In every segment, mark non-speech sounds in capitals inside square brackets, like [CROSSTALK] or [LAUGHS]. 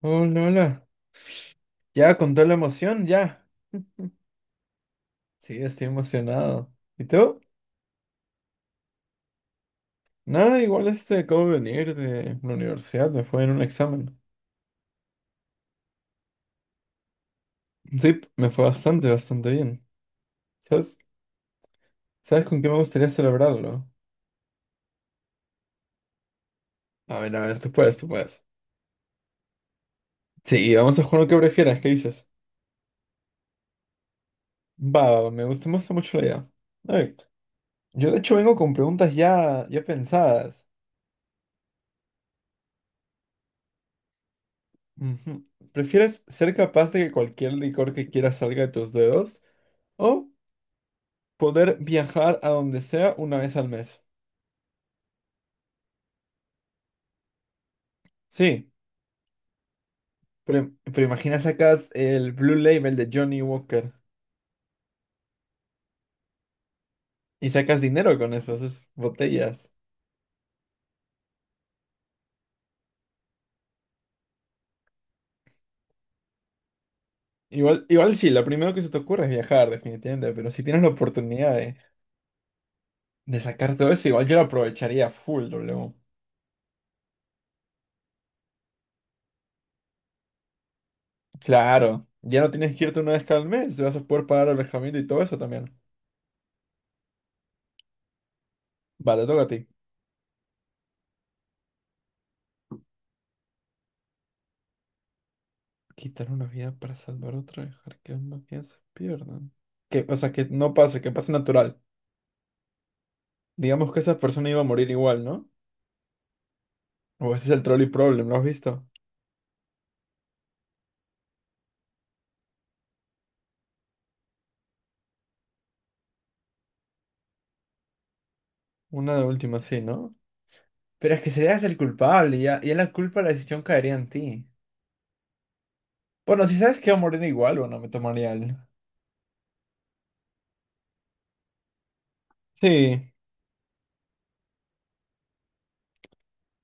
Hola, hola. Ya, con toda la emoción, ya. Sí, estoy emocionado. ¿Y tú? Nada, igual acabo de venir de la universidad, me fue en un examen. Sí, me fue bastante, bastante bien. ¿Sabes? ¿Sabes con qué me gustaría celebrarlo? A ver, tú puedes, tú puedes. Sí, vamos a jugar lo que prefieras, ¿qué dices? Va, va, va, me gusta mucho la idea. A ver, yo de hecho vengo con preguntas ya, ya pensadas. Ujú. ¿Prefieres ser capaz de que cualquier licor que quieras salga de tus dedos o poder viajar a donde sea una vez al mes? Sí, pero imagina, sacas el Blue Label de Johnny Walker y sacas dinero con eso, esas botellas. Igual, igual sí, lo primero que se te ocurre es viajar, definitivamente, pero si tienes la oportunidad de sacar todo eso, igual yo lo aprovecharía full, W. Claro, ya no tienes que irte una vez cada mes, te vas a poder pagar alojamiento y todo eso también. Vale, toca a ti. Quitar una vida para salvar otra, dejar que ambas vidas se pierdan. Que, o sea, que no pase, que pase natural. Digamos que esa persona iba a morir igual, ¿no? O ese es el trolley problem, ¿lo has visto? Una de última, sí, ¿no? Pero es que serías el culpable y ya la culpa de la decisión caería en ti. Bueno, si sabes que va a morir igual, bueno, me tomaría el... Sí,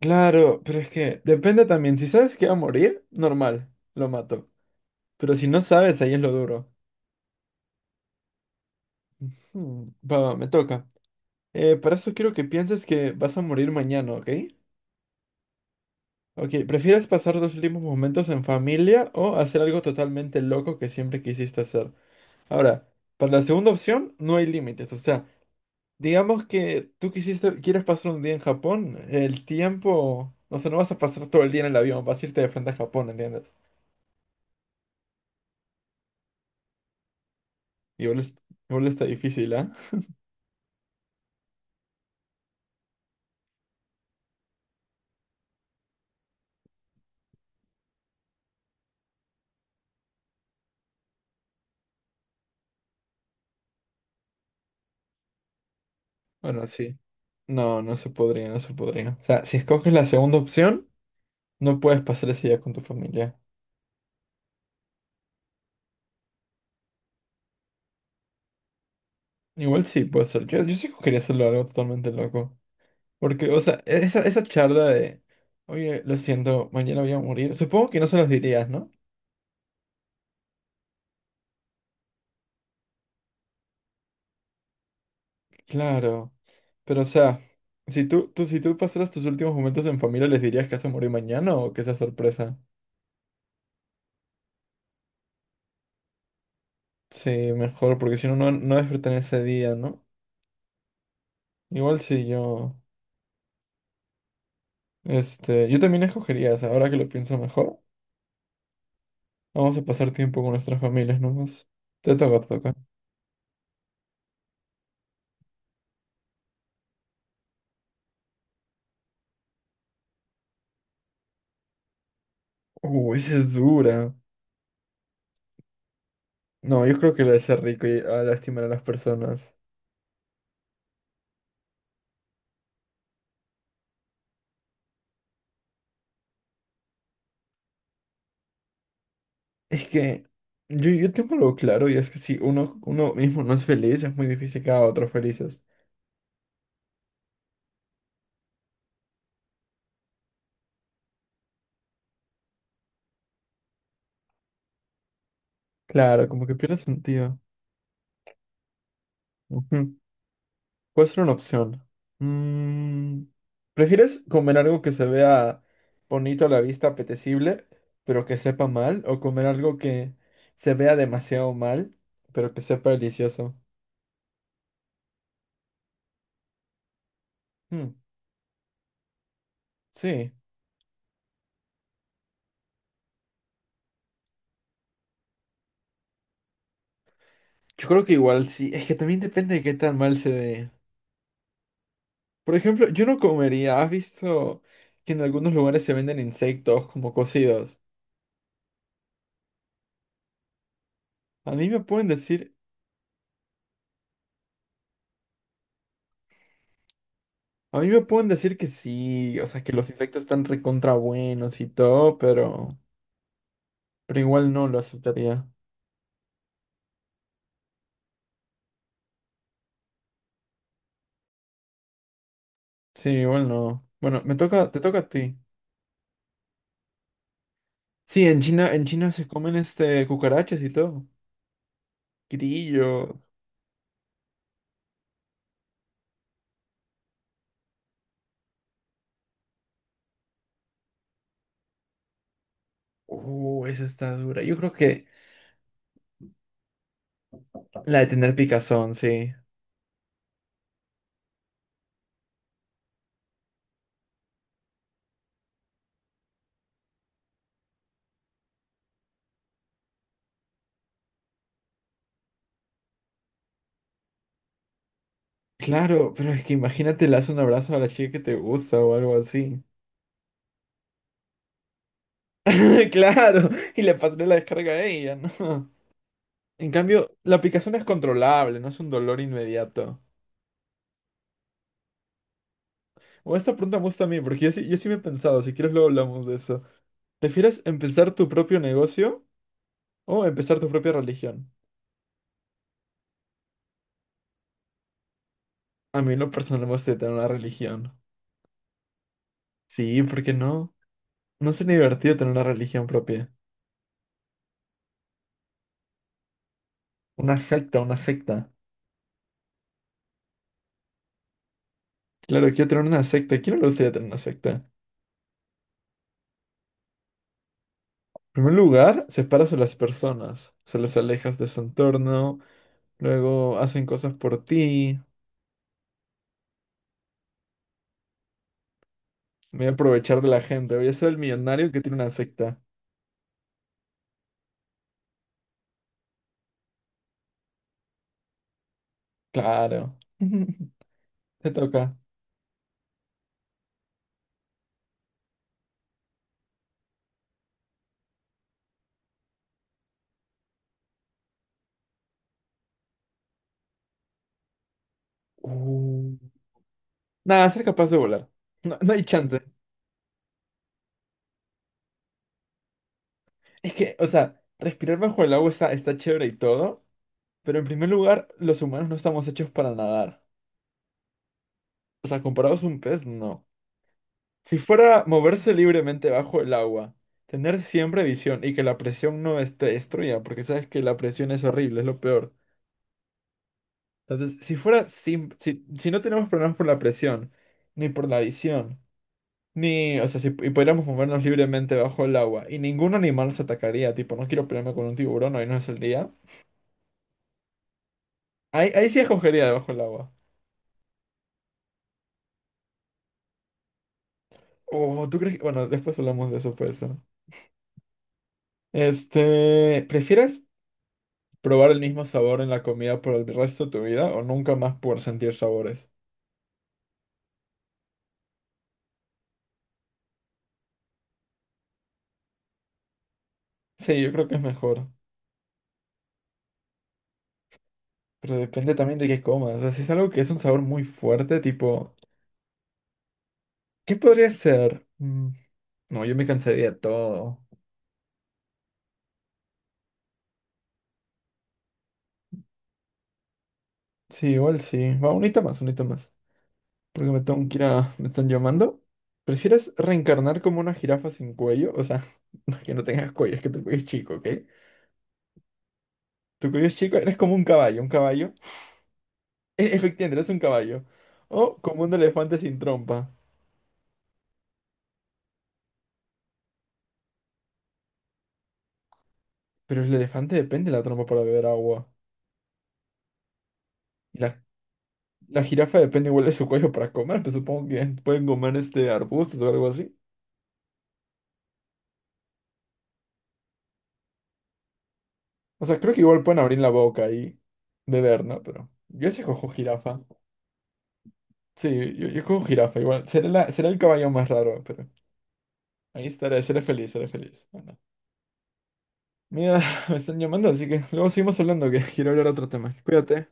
claro, pero es que depende también. Si sabes que va a morir, normal, lo mato. Pero si no sabes, ahí es lo duro. Va, va, me toca. Para esto quiero que pienses que vas a morir mañana, ¿ok? Ok, ¿prefieres pasar dos últimos momentos en familia o hacer algo totalmente loco que siempre quisiste hacer? Ahora, para la segunda opción no hay límites. O sea, digamos que tú quisiste, quieres pasar un día en Japón, el tiempo, o sea, no vas a pasar todo el día en el avión, vas a irte de frente a Japón, ¿entiendes? Igual, igual está difícil, ¿ah? Bueno, sí. No, no se podría, no se podría. O sea, si escoges la segunda opción, no puedes pasar ese día con tu familia. Igual sí, puede ser. Yo sí escogería hacerlo algo totalmente loco. Porque, o sea, esa charla de, oye, lo siento, mañana voy a morir. Supongo que no se los dirías, ¿no? Claro. Pero, o sea, si tú pasaras tus últimos momentos en familia, ¿les dirías que vas a morir mañana o que esa sorpresa? Sí, mejor, porque si no, no despertan ese día, ¿no? Igual si yo, yo también escogería esa, ahora que lo pienso mejor. Vamos a pasar tiempo con nuestras familias nomás. Te toca, te toca. Esa es dura. No, yo creo que la de ser rico y a lastimar a las personas. Es que yo tengo algo claro y es que si uno, uno mismo no es feliz, es muy difícil que haga a otros felices. Claro, como que pierde sentido. Ujú. Puede ser una opción. Mm, ¿prefieres comer algo que se vea bonito a la vista, apetecible, pero que sepa mal? ¿O comer algo que se vea demasiado mal, pero que sepa delicioso? Mm, sí. Yo creo que igual sí. Es que también depende de qué tan mal se ve. Por ejemplo, yo no comería. ¿Has visto que en algunos lugares se venden insectos como cocidos? A mí me pueden decir A mí me pueden decir que sí, o sea, que los insectos están recontra buenos y todo, pero igual no lo aceptaría. Sí, igual no. Bueno, me toca, te toca a ti. Sí, en China se comen este cucarachas y todo. Grillo. Esa está dura. Yo creo que la de tener picazón, sí. Claro, pero es que imagínate, le das un abrazo a la chica que te gusta o algo así. [LAUGHS] Claro, y le pasaré la descarga a ella, ¿no? En cambio, la picazón es controlable, no es un dolor inmediato. O esta pregunta me gusta a mí, porque yo sí me he pensado, si quieres luego hablamos de eso. ¿Prefieres empezar tu propio negocio o empezar tu propia religión? A mí en lo personal me gusta tener una religión. Sí, ¿por qué no? No sería divertido tener una religión propia. Una secta, una secta. Claro, quiero tener una secta. ¿A ¿Quién no le gustaría tener una secta? En primer lugar, separas a las personas, se las alejas de su entorno, luego hacen cosas por ti. Me voy a aprovechar de la gente, voy a ser el millonario que tiene una secta. Claro. [LAUGHS] Te toca. Uh, nada, ser capaz de volar. No, no hay chance. Es que, o sea, respirar bajo el agua está, está chévere y todo, pero en primer lugar, los humanos no estamos hechos para nadar. O sea, comparados a un pez, no. Si fuera moverse libremente bajo el agua, tener siempre visión y que la presión no esté destruya, porque sabes que la presión es horrible, es lo peor. Entonces, si fuera sin, si no tenemos problemas por la presión, ni por la visión. Ni, o sea, si y pudiéramos movernos libremente bajo el agua y ningún animal nos atacaría, tipo, no quiero pelearme con un tiburón, ahí no es el día. Ahí, ahí sí escogería debajo del agua. Oh, ¿tú crees que...? Bueno, después hablamos de eso, pues. ¿No? ¿Prefieres probar el mismo sabor en la comida por el resto de tu vida o nunca más poder sentir sabores? Sí, yo creo que es mejor, pero depende también de qué comas. O sea, si es algo que es un sabor muy fuerte, tipo, ¿qué podría ser? Mm, no, yo me cansaría de todo. Sí, igual sí. Va, un unita más, un unita más. Porque me tengo que Me están llamando. ¿Prefieres reencarnar como una jirafa sin cuello? O sea, [LAUGHS] no es que no tengas cuello, es que tu cuello es chico, ¿ok? Tu cuello es chico, eres como un caballo, un caballo. [LAUGHS] Efectivamente, eres un caballo. O como un elefante sin trompa. Pero el elefante depende de la trompa para beber agua. Y la jirafa depende igual de su cuello para comer, pero supongo que [LAUGHS] pueden comer este arbustos o algo así. O sea, creo que igual pueden abrir la boca y beber, ¿no? Pero yo sí cojo jirafa. Sí, yo cojo jirafa, igual. Será será el caballo más raro, pero. Ahí estaré, seré feliz, seré feliz. Bueno. Mira, [LAUGHS] me están llamando, así que luego seguimos hablando, que [LAUGHS] quiero hablar de otro tema. Cuídate.